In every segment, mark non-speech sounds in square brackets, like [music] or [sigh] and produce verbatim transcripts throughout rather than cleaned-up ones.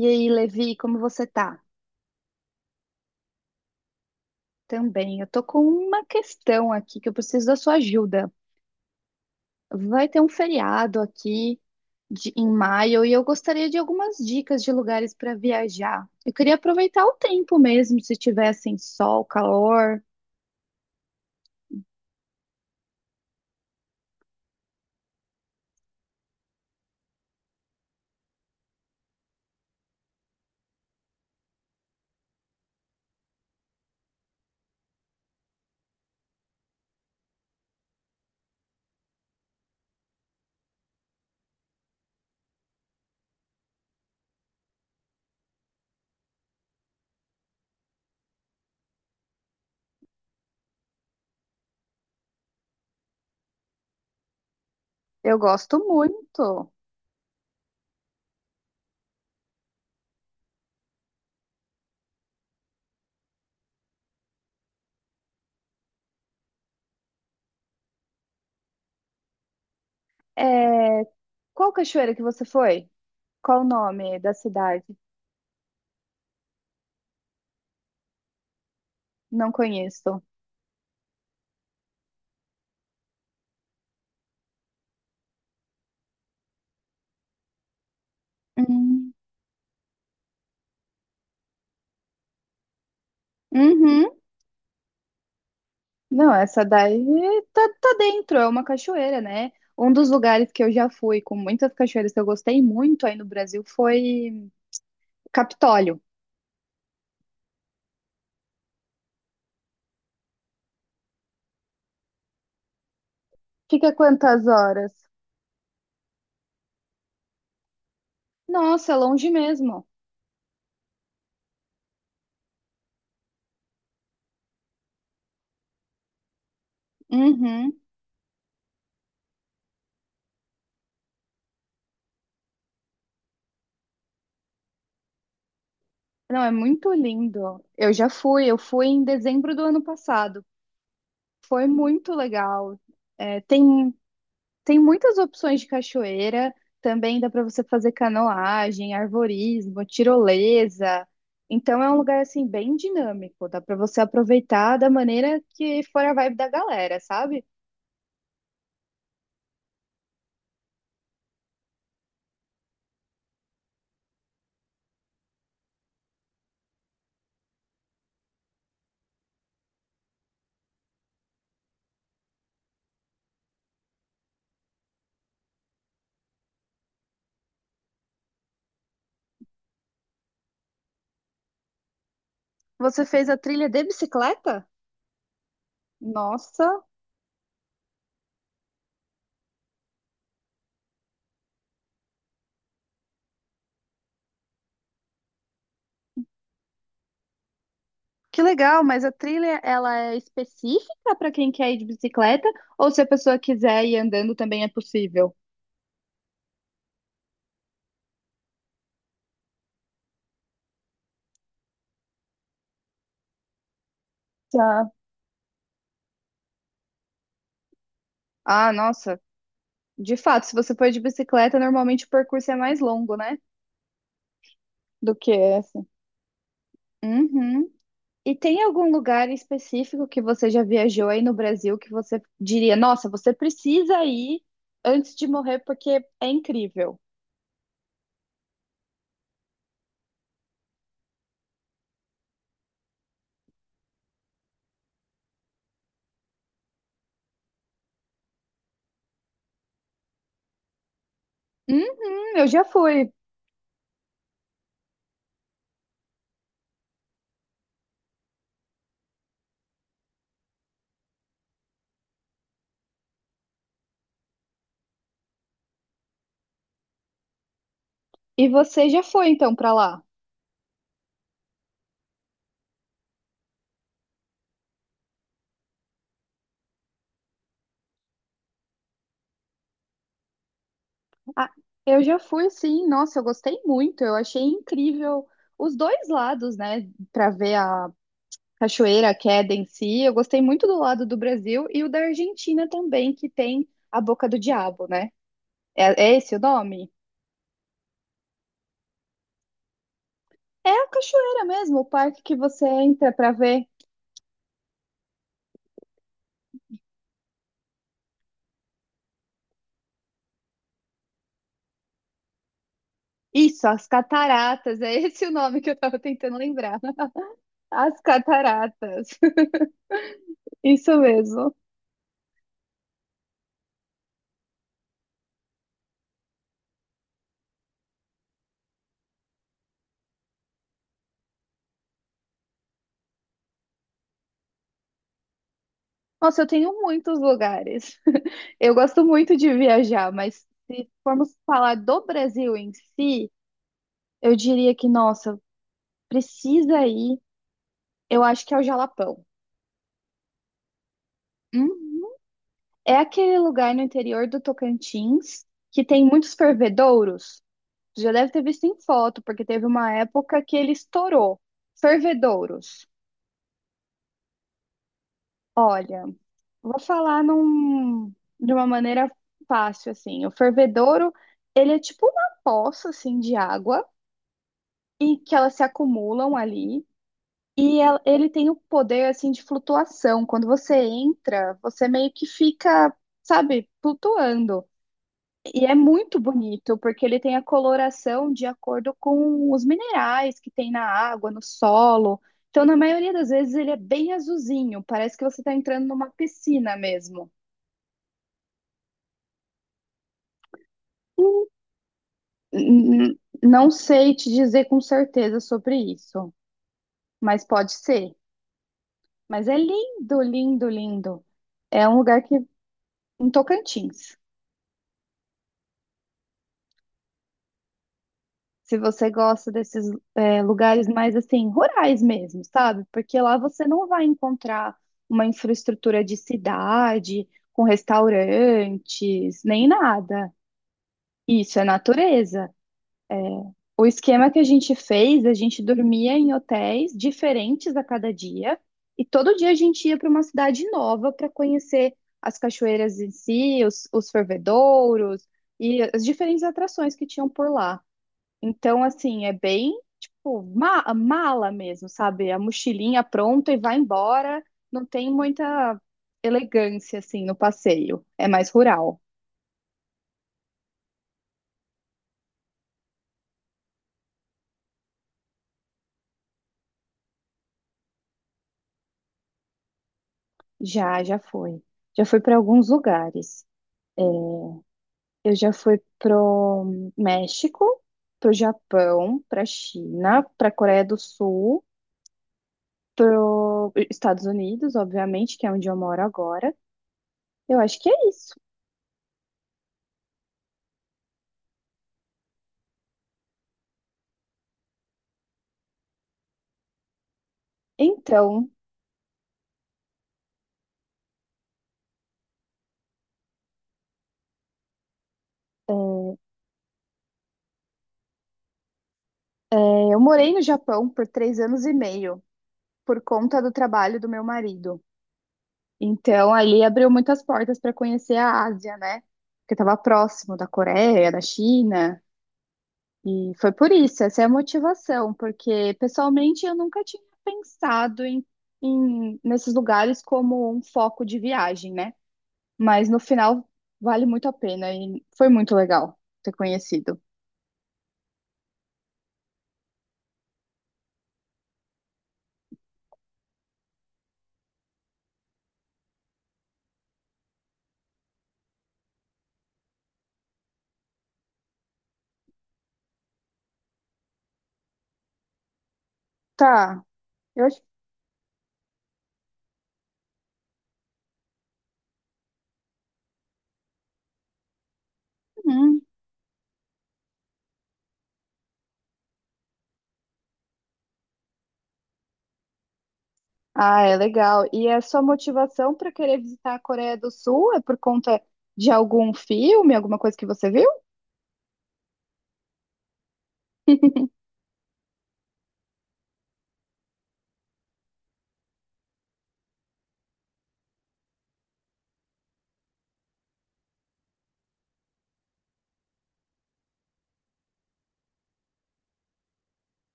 E aí, Levi, como você tá? Também, eu tô com uma questão aqui que eu preciso da sua ajuda. Vai ter um feriado aqui de- em maio e eu gostaria de algumas dicas de lugares para viajar. Eu queria aproveitar o tempo mesmo, se tiver assim sol, calor. Eu gosto muito. É, Qual cachoeira que você foi? Qual o nome da cidade? Não conheço. Hum. Uhum. Não, essa daí tá, tá dentro, é uma cachoeira, né? Um dos lugares que eu já fui, com muitas cachoeiras que eu gostei muito aí no Brasil, foi Capitólio. Fica quantas horas? Nossa, é longe mesmo. Uhum. Não, é muito lindo. Eu já fui, eu fui em dezembro do ano passado. Foi muito legal. É, tem. Tem muitas opções de cachoeira, também dá para você fazer canoagem, arvorismo, tirolesa. Então é um lugar assim bem dinâmico, dá para você aproveitar da maneira que for a vibe da galera, sabe? Você fez a trilha de bicicleta? Nossa, que legal, mas a trilha ela é específica para quem quer ir de bicicleta ou se a pessoa quiser ir andando também é possível? Tá. Ah, nossa, de fato, se você for de bicicleta, normalmente o percurso é mais longo, né? Do que esse. Uhum. E tem algum lugar específico que você já viajou aí no Brasil que você diria: nossa, você precisa ir antes de morrer porque é incrível? Uhum, eu já fui. E você já foi então pra lá? Ah, eu já fui, sim. Nossa, eu gostei muito. Eu achei incrível os dois lados, né? Pra ver a cachoeira, a queda em si. Eu gostei muito do lado do Brasil e o da Argentina também, que tem a Boca do Diabo, né? É, é esse o nome? É a cachoeira mesmo, o parque que você entra para ver. Isso, as cataratas, é esse o nome que eu tava tentando lembrar. As cataratas, [laughs] isso mesmo. Nossa, eu tenho muitos lugares. [laughs] Eu gosto muito de viajar, mas se formos falar do Brasil em si, eu diria que, nossa, precisa ir, eu acho que é o Jalapão. Hum, É aquele lugar no interior do Tocantins que tem muitos fervedouros. Você já deve ter visto em foto, porque teve uma época que ele estourou. Fervedouros. Olha, vou falar num- de uma maneira fácil, assim. O fervedouro, ele é tipo uma poça, assim, de água, e que elas se acumulam ali. E el- ele tem o poder, assim, de flutuação. Quando você entra, você meio que fica, sabe, flutuando. E é muito bonito, porque ele tem a coloração de acordo com os minerais que tem na água, no solo. Então, na maioria das vezes, ele é bem azulzinho, parece que você está entrando numa piscina mesmo. N- n- Não sei te dizer com certeza sobre isso, mas pode ser. Mas é lindo, lindo, lindo. É um lugar que em Tocantins. Se você gosta desses é, lugares mais assim, rurais mesmo, sabe? Porque lá você não vai encontrar uma infraestrutura de cidade, com restaurantes, nem nada. Isso é natureza. O esquema que a gente fez, a gente dormia em hotéis diferentes a cada dia, e todo dia a gente ia para uma cidade nova para conhecer as cachoeiras em si, os, os fervedouros e as diferentes atrações que tinham por lá. Então, assim, é bem, tipo, ma- mala mesmo, sabe? A mochilinha pronta e vai embora. Não tem muita elegância, assim, no passeio. É mais rural. Já, já foi. Já fui para alguns lugares. Eu já fui pro México, pro Japão, pra China, pra Coreia do Sul, pro Estados Unidos, obviamente, que é onde eu moro agora. Eu acho que é isso. Então, é, eu morei no Japão por três anos e meio, por conta do trabalho do meu marido. Então, ali abriu muitas portas para conhecer a Ásia, né? Porque estava próximo da Coreia, da China, e foi por isso, essa é a motivação, porque pessoalmente eu nunca tinha pensado em, em- nesses lugares como um foco de viagem, né? Mas no final vale muito a pena e foi muito legal ter conhecido. Tá, eu acho que. Ah, é legal. E a sua motivação para querer visitar a Coreia do Sul é por conta de algum filme, alguma coisa que você viu?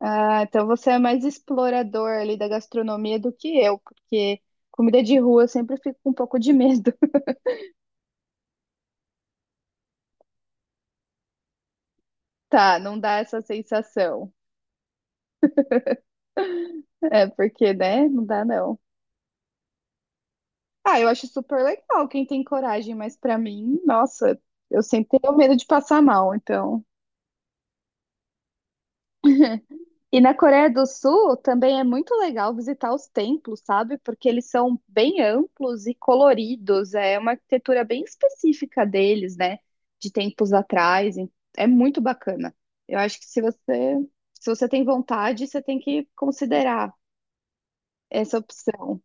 Ah, então você é mais explorador ali da gastronomia do que eu, porque comida de rua eu sempre fico com um pouco de medo. [laughs] Tá, não dá essa sensação. É porque, né? Não dá não. Ah, eu acho super legal quem tem coragem, mas para mim, nossa, eu sempre tenho medo de passar mal, então. E na Coreia do Sul também é muito legal visitar os templos, sabe? Porque eles são bem amplos e coloridos, é uma arquitetura bem específica deles, né? De tempos atrás, e é muito bacana. Eu acho que se você, se você tem vontade, você tem que considerar essa opção.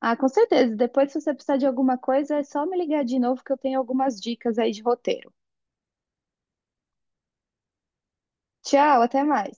Ah, com certeza. Depois, se você precisar de alguma coisa, é só me ligar de novo que eu tenho algumas dicas aí de roteiro. Tchau, até mais.